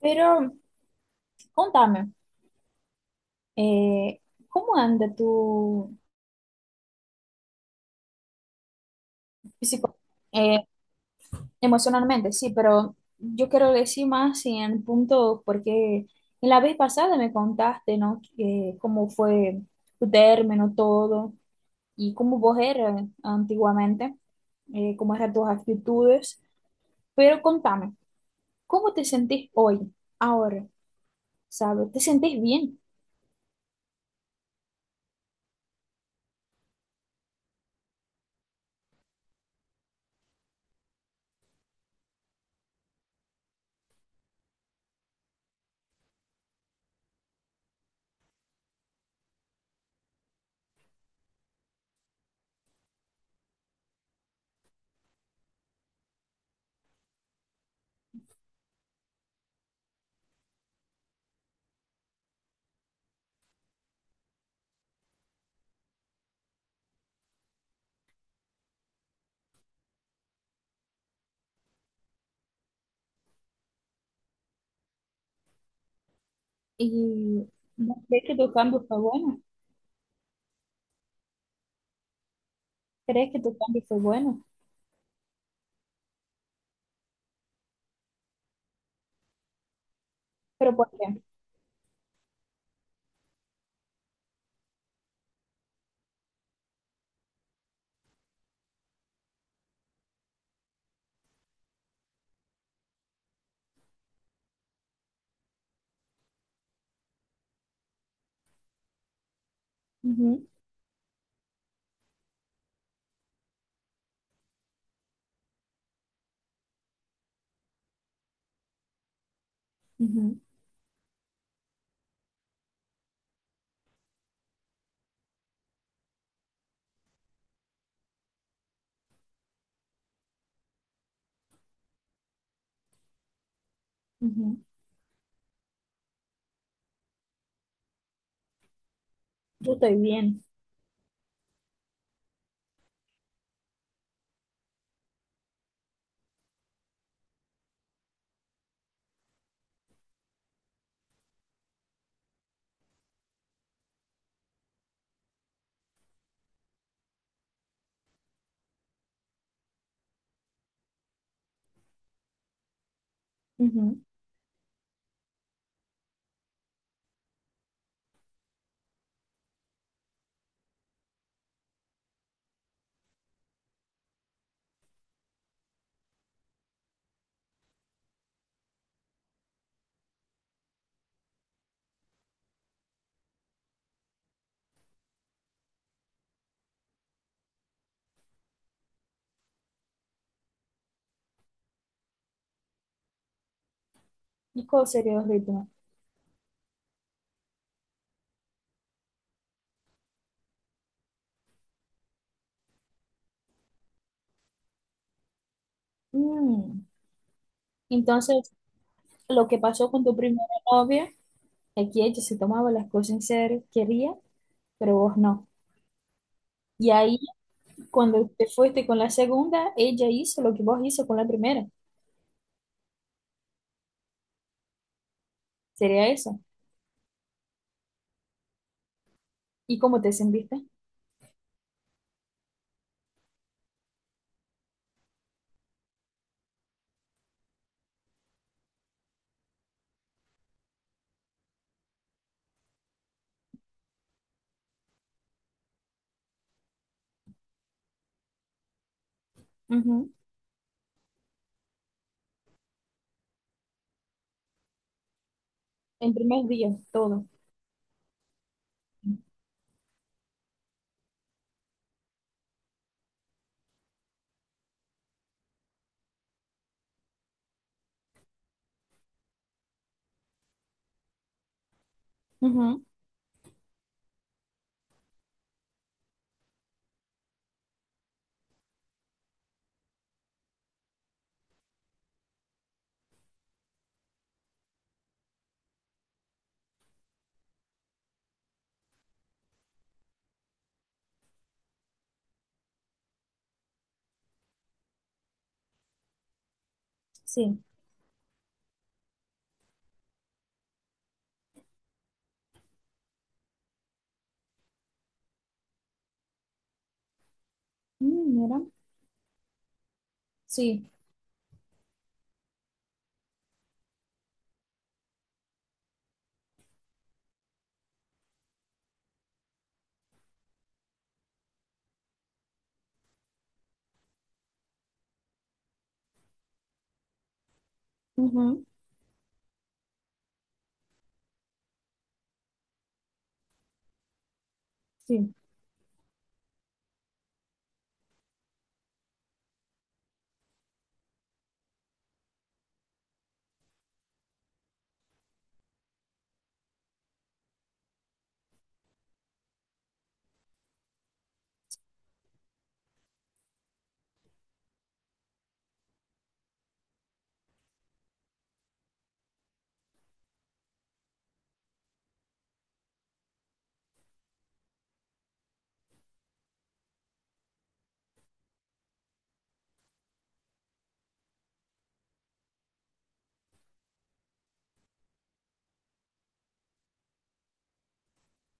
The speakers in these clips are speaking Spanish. Pero contame, eh, ¿cómo anda tu físico eh, emocionalmente? Sí, pero yo quiero decir más en el punto, porque en la vez pasada me contaste, ¿no? Que cómo fue tu término, todo, y cómo vos eras antiguamente, cómo eran tus actitudes. Pero contame, ¿cómo te sentís hoy, ahora? ¿Sabes? ¿Te sentís bien? ¿Y vos crees que tu cambio fue bueno? ¿Crees que tu cambio fue bueno? Pero ¿por qué? Ujú, ujú, ujú. Yo estoy bien. Ujú. ¿Y Cuál sería el ritmo? Mm. Entonces, lo que pasó con tu primera novia, aquí ella se tomaba las cosas en serio, quería, pero vos no. Y ahí, cuando te fuiste con la segunda, ella hizo lo que vos hizo con la primera. Sería eso. ¿Y cómo te sentiste? Ujú. En primer día, todo. Ujú, sí. Mm, mira. Sí. Ujú, sí.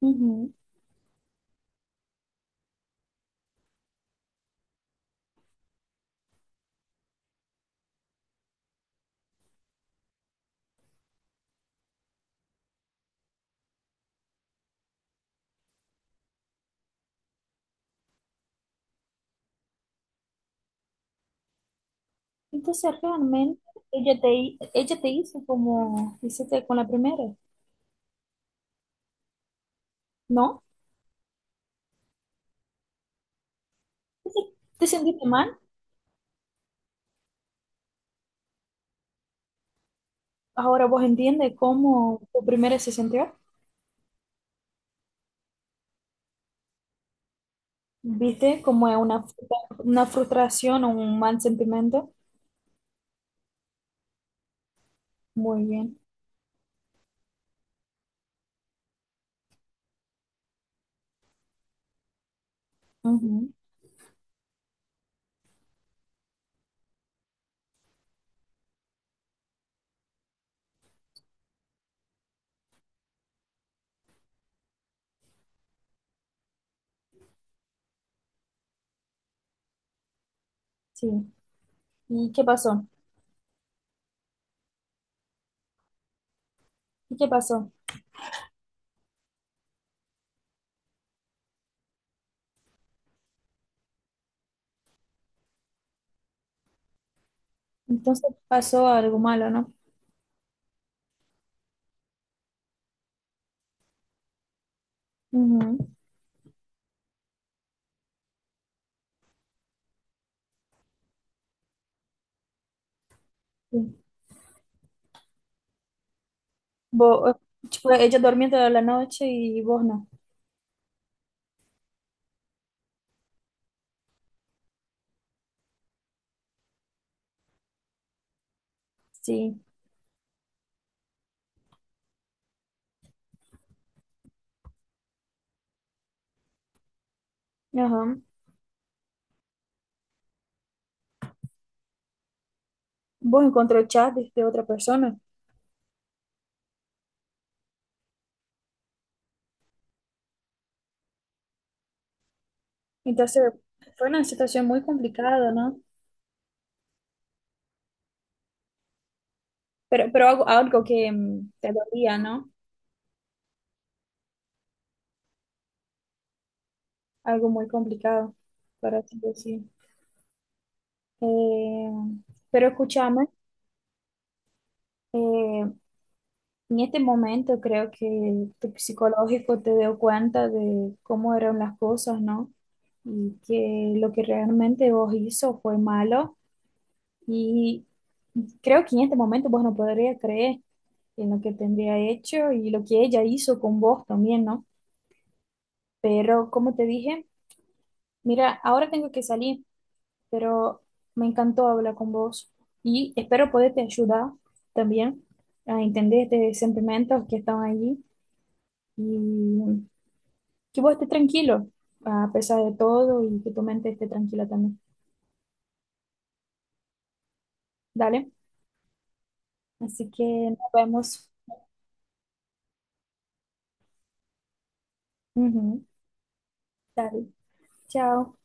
Ujú. Entonces realmente ella te, ella te hizo como hiciste con la primera, ¿no? Entonces, ¿te sentiste mal? Ahora vos entiendes cómo tu primera se sintió. ¿Viste? Como es una, frustra- una frustración o un mal sentimiento. Muy bien. Ujú, sí. ¿Y qué pasó? ¿Y qué pasó? Entonces pasó algo malo, ¿no? Ujú, sí. Vos, tipo, ella dormía toda la noche y vos no. Sí. Ajá. ¿Vos encontró chat de otra persona? Entonces fue una situación muy complicada, ¿no? Pero algo, algo que te dolía, ¿no? Algo muy complicado, por así decir. Eh, pero escúchame, eh, en este momento creo que tu psicológico te dio cuenta de cómo eran las cosas, ¿no? Y que lo que realmente vos hizo fue malo. Y creo que en este momento vos no podrías creer en lo que tendría hecho y lo que ella hizo con vos también, ¿no? Pero como te dije, mira, ahora tengo que salir, pero me encantó hablar con vos y espero poderte ayudar también a entender estos sentimientos que están allí y que vos estés tranquilo a pesar de todo y que tu mente esté tranquila también. Dale, así que nos vemos. Ujú, dale, chao.